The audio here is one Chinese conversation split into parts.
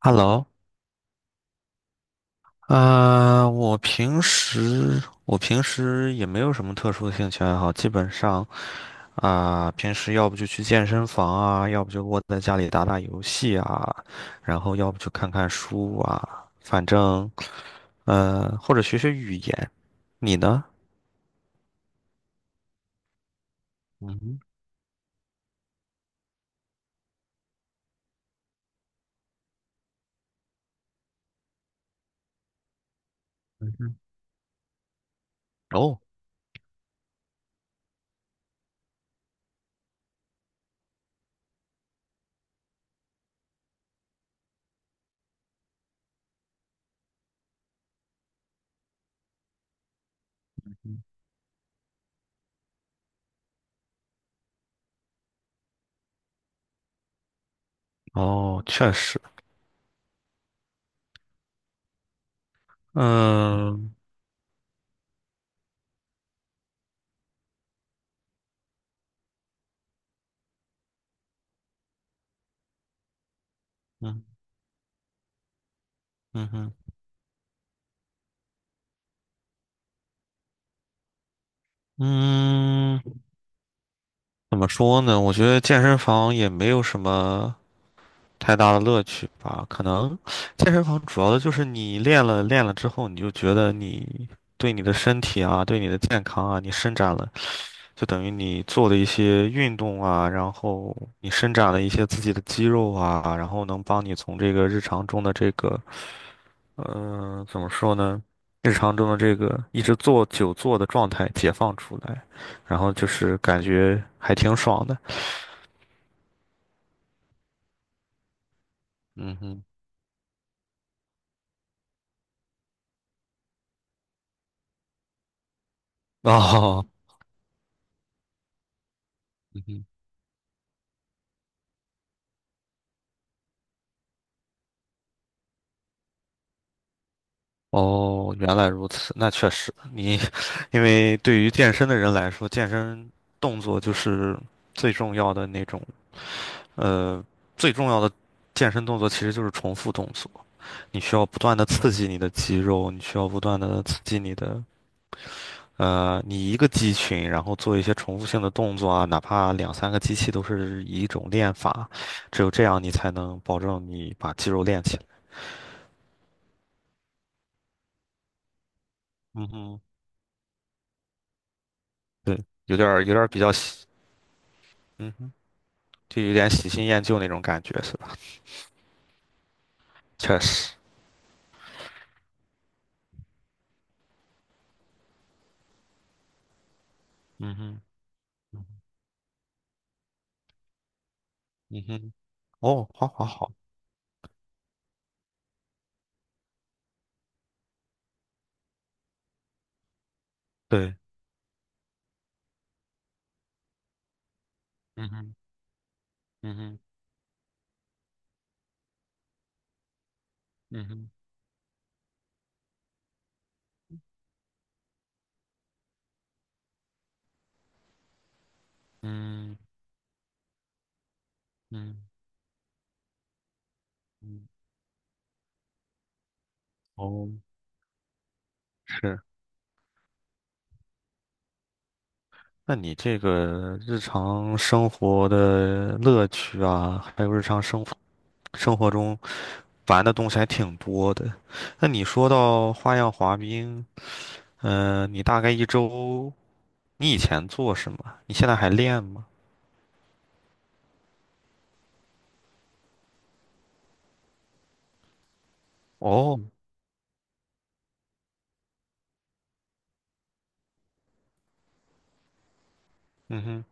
Hello，我平时也没有什么特殊的兴趣爱好，基本上啊、平时要不就去健身房啊，要不就窝在家里打打游戏啊，然后要不就看看书啊，反正或者学学语言。你呢？嗯，嗯哼，哦，哦，确实，嗯，嗯，嗯哼，嗯。怎么说呢？我觉得健身房也没有什么太大的乐趣吧。可能健身房主要的就是你练了之后，你就觉得你对你的身体啊，对你的健康啊，你伸展了，就等于你做的一些运动啊，然后你伸展了一些自己的肌肉啊，然后能帮你从这个日常中的这个，怎么说呢？日常中的这个一直坐久坐的状态解放出来，然后就是感觉还挺爽的。嗯哼，哦，嗯哼，哦，原来如此，那确实，你 因为对于健身的人来说，健身动作就是最重要的那种，呃，最重要的健身动作其实就是重复动作，你需要不断的刺激你的肌肉，你需要不断的刺激你的，你一个肌群，然后做一些重复性的动作啊，哪怕两三个机器都是一种练法，只有这样你才能保证你把肌肉练起来。嗯哼。对，有点儿比较喜，嗯哼，就有点喜新厌旧那种感觉是吧？确实，嗯哼，嗯哼，嗯哼，哦，好好好，对，嗯哼，嗯哼，嗯哼，嗯，嗯，嗯，嗯，哦，是。那你这个日常生活的乐趣啊，还有日常生活中玩的东西还挺多的。那你说到花样滑冰，嗯，你大概一周，你以前做什么？你现在还练吗？哦，嗯哼，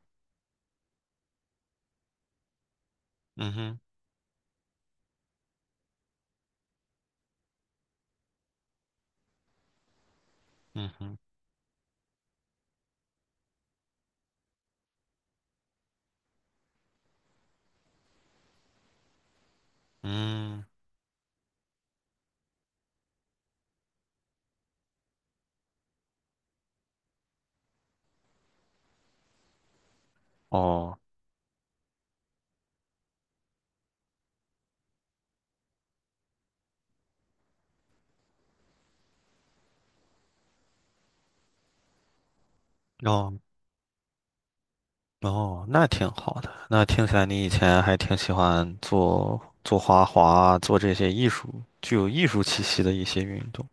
嗯哼，嗯哼，嗯，哦，哦，哦，那挺好的。那听起来你以前还挺喜欢做做花滑，做这些艺术，具有艺术气息的一些运动。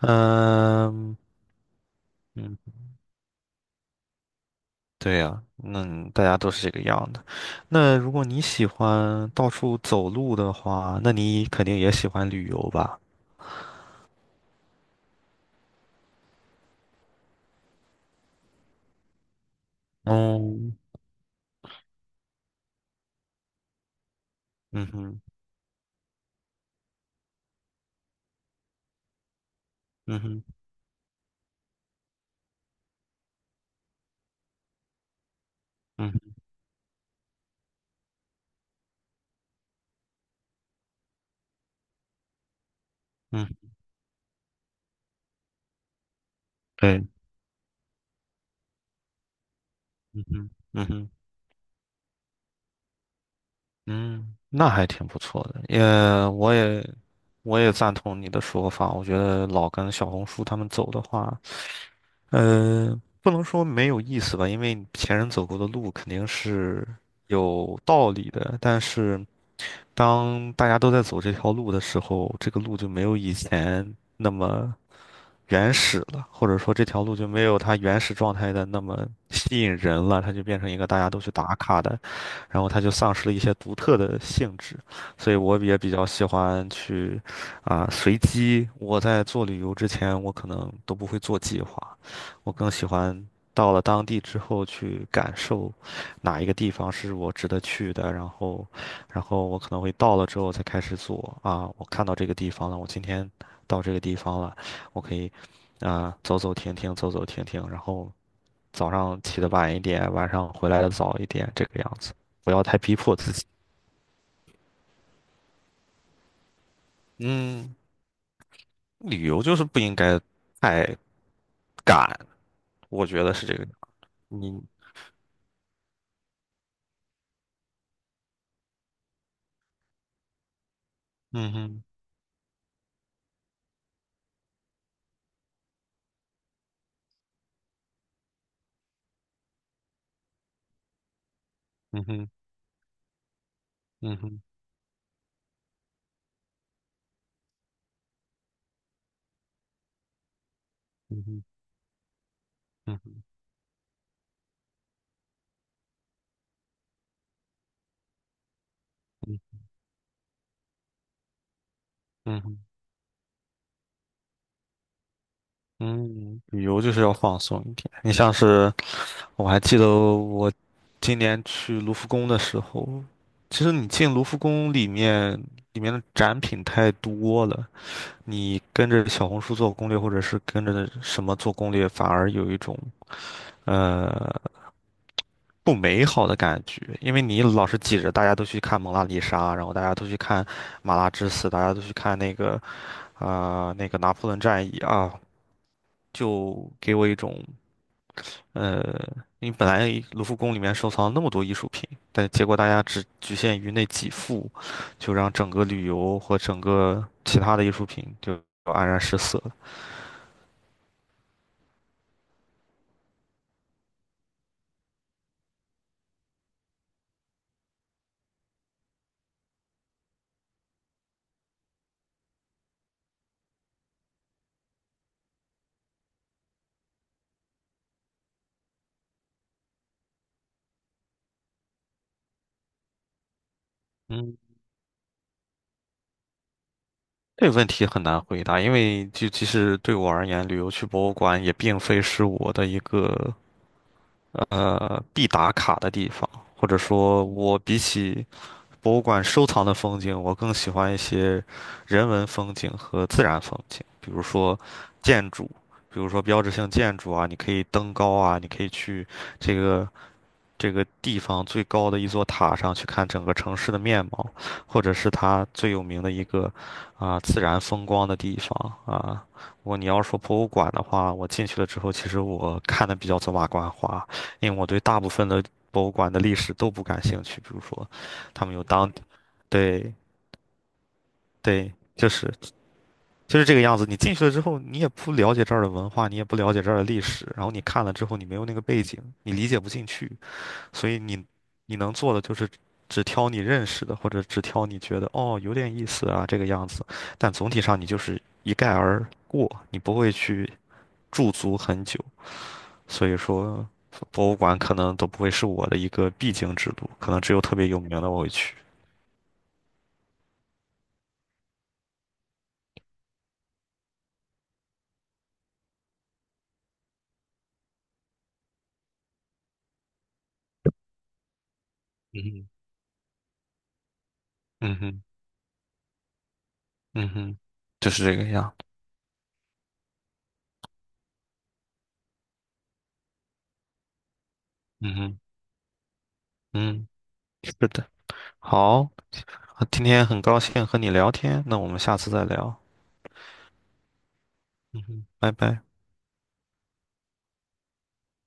嗯，嗯，对呀，那大家都是这个样的。那如果你喜欢到处走路的话，那你肯定也喜欢旅游吧？哦，嗯哼，嗯哼，嗯哼，嗯，对，嗯哼，嗯哼。嗯，那还挺不错的，也我也我也赞同你的说法。我觉得老跟小红书他们走的话，嗯，不能说没有意思吧，因为前人走过的路肯定是有道理的，但是。当大家都在走这条路的时候，这个路就没有以前那么原始了，或者说这条路就没有它原始状态的那么吸引人了，它就变成一个大家都去打卡的，然后它就丧失了一些独特的性质。所以我也比较喜欢去啊、随机。我在做旅游之前，我可能都不会做计划，我更喜欢。到了当地之后，去感受哪一个地方是我值得去的，然后然后我可能会到了之后才开始做啊，我看到这个地方了，我今天到这个地方了，我可以啊、走走停停，走走停停，然后早上起得晚一点，晚上回来的早一点，这个样子，不要太逼迫自己。嗯，旅游就是不应该太赶，我觉得是这个样你，嗯哼，嗯哼，嗯哼，嗯哼，嗯哼，嗯哼，嗯哼，嗯，旅游就是要放松一点。你像是。我还记得我今年去卢浮宫的时候，其实你进卢浮宫里面，里面的展品太多了，你跟着小红书做攻略，或者是跟着什么做攻略，反而有一种呃不美好的感觉，因为你老是挤着，大家都去看蒙娜丽莎，然后大家都去看马拉之死，大家都去看那个啊、那个拿破仑战役啊，就给我一种。呃，因为本来卢浮宫里面收藏了那么多艺术品，但结果大家只局限于那几幅，就让整个旅游和整个其他的艺术品就黯然失色了。嗯，这个问题很难回答，因为就其实对我而言，旅游去博物馆也并非是我的一个必打卡的地方，或者说，我比起博物馆收藏的风景，我更喜欢一些人文风景和自然风景，比如说建筑，比如说标志性建筑啊，你可以登高啊，你可以去这个这个地方最高的一座塔上去看整个城市的面貌，或者是它最有名的一个啊、自然风光的地方啊。如果你要说博物馆的话，我进去了之后，其实我看的比较走马观花，因为我对大部分的博物馆的历史都不感兴趣，比如说他们有当对，对，就是，就是这个样子。你进去了之后，你也不了解这儿的文化，你也不了解这儿的历史，然后你看了之后，你没有那个背景，你理解不进去，所以你你能做的就是只挑你认识的，或者只挑你觉得哦有点意思啊这个样子，但总体上你就是一概而过，你不会去驻足很久。所以说，博物馆可能都不会是我的一个必经之路，可能只有特别有名的我会去。嗯哼。嗯哼，嗯哼，就是这个样。嗯哼。嗯，是的，好，今天很高兴和你聊天，那我们下次再聊。嗯哼，拜拜。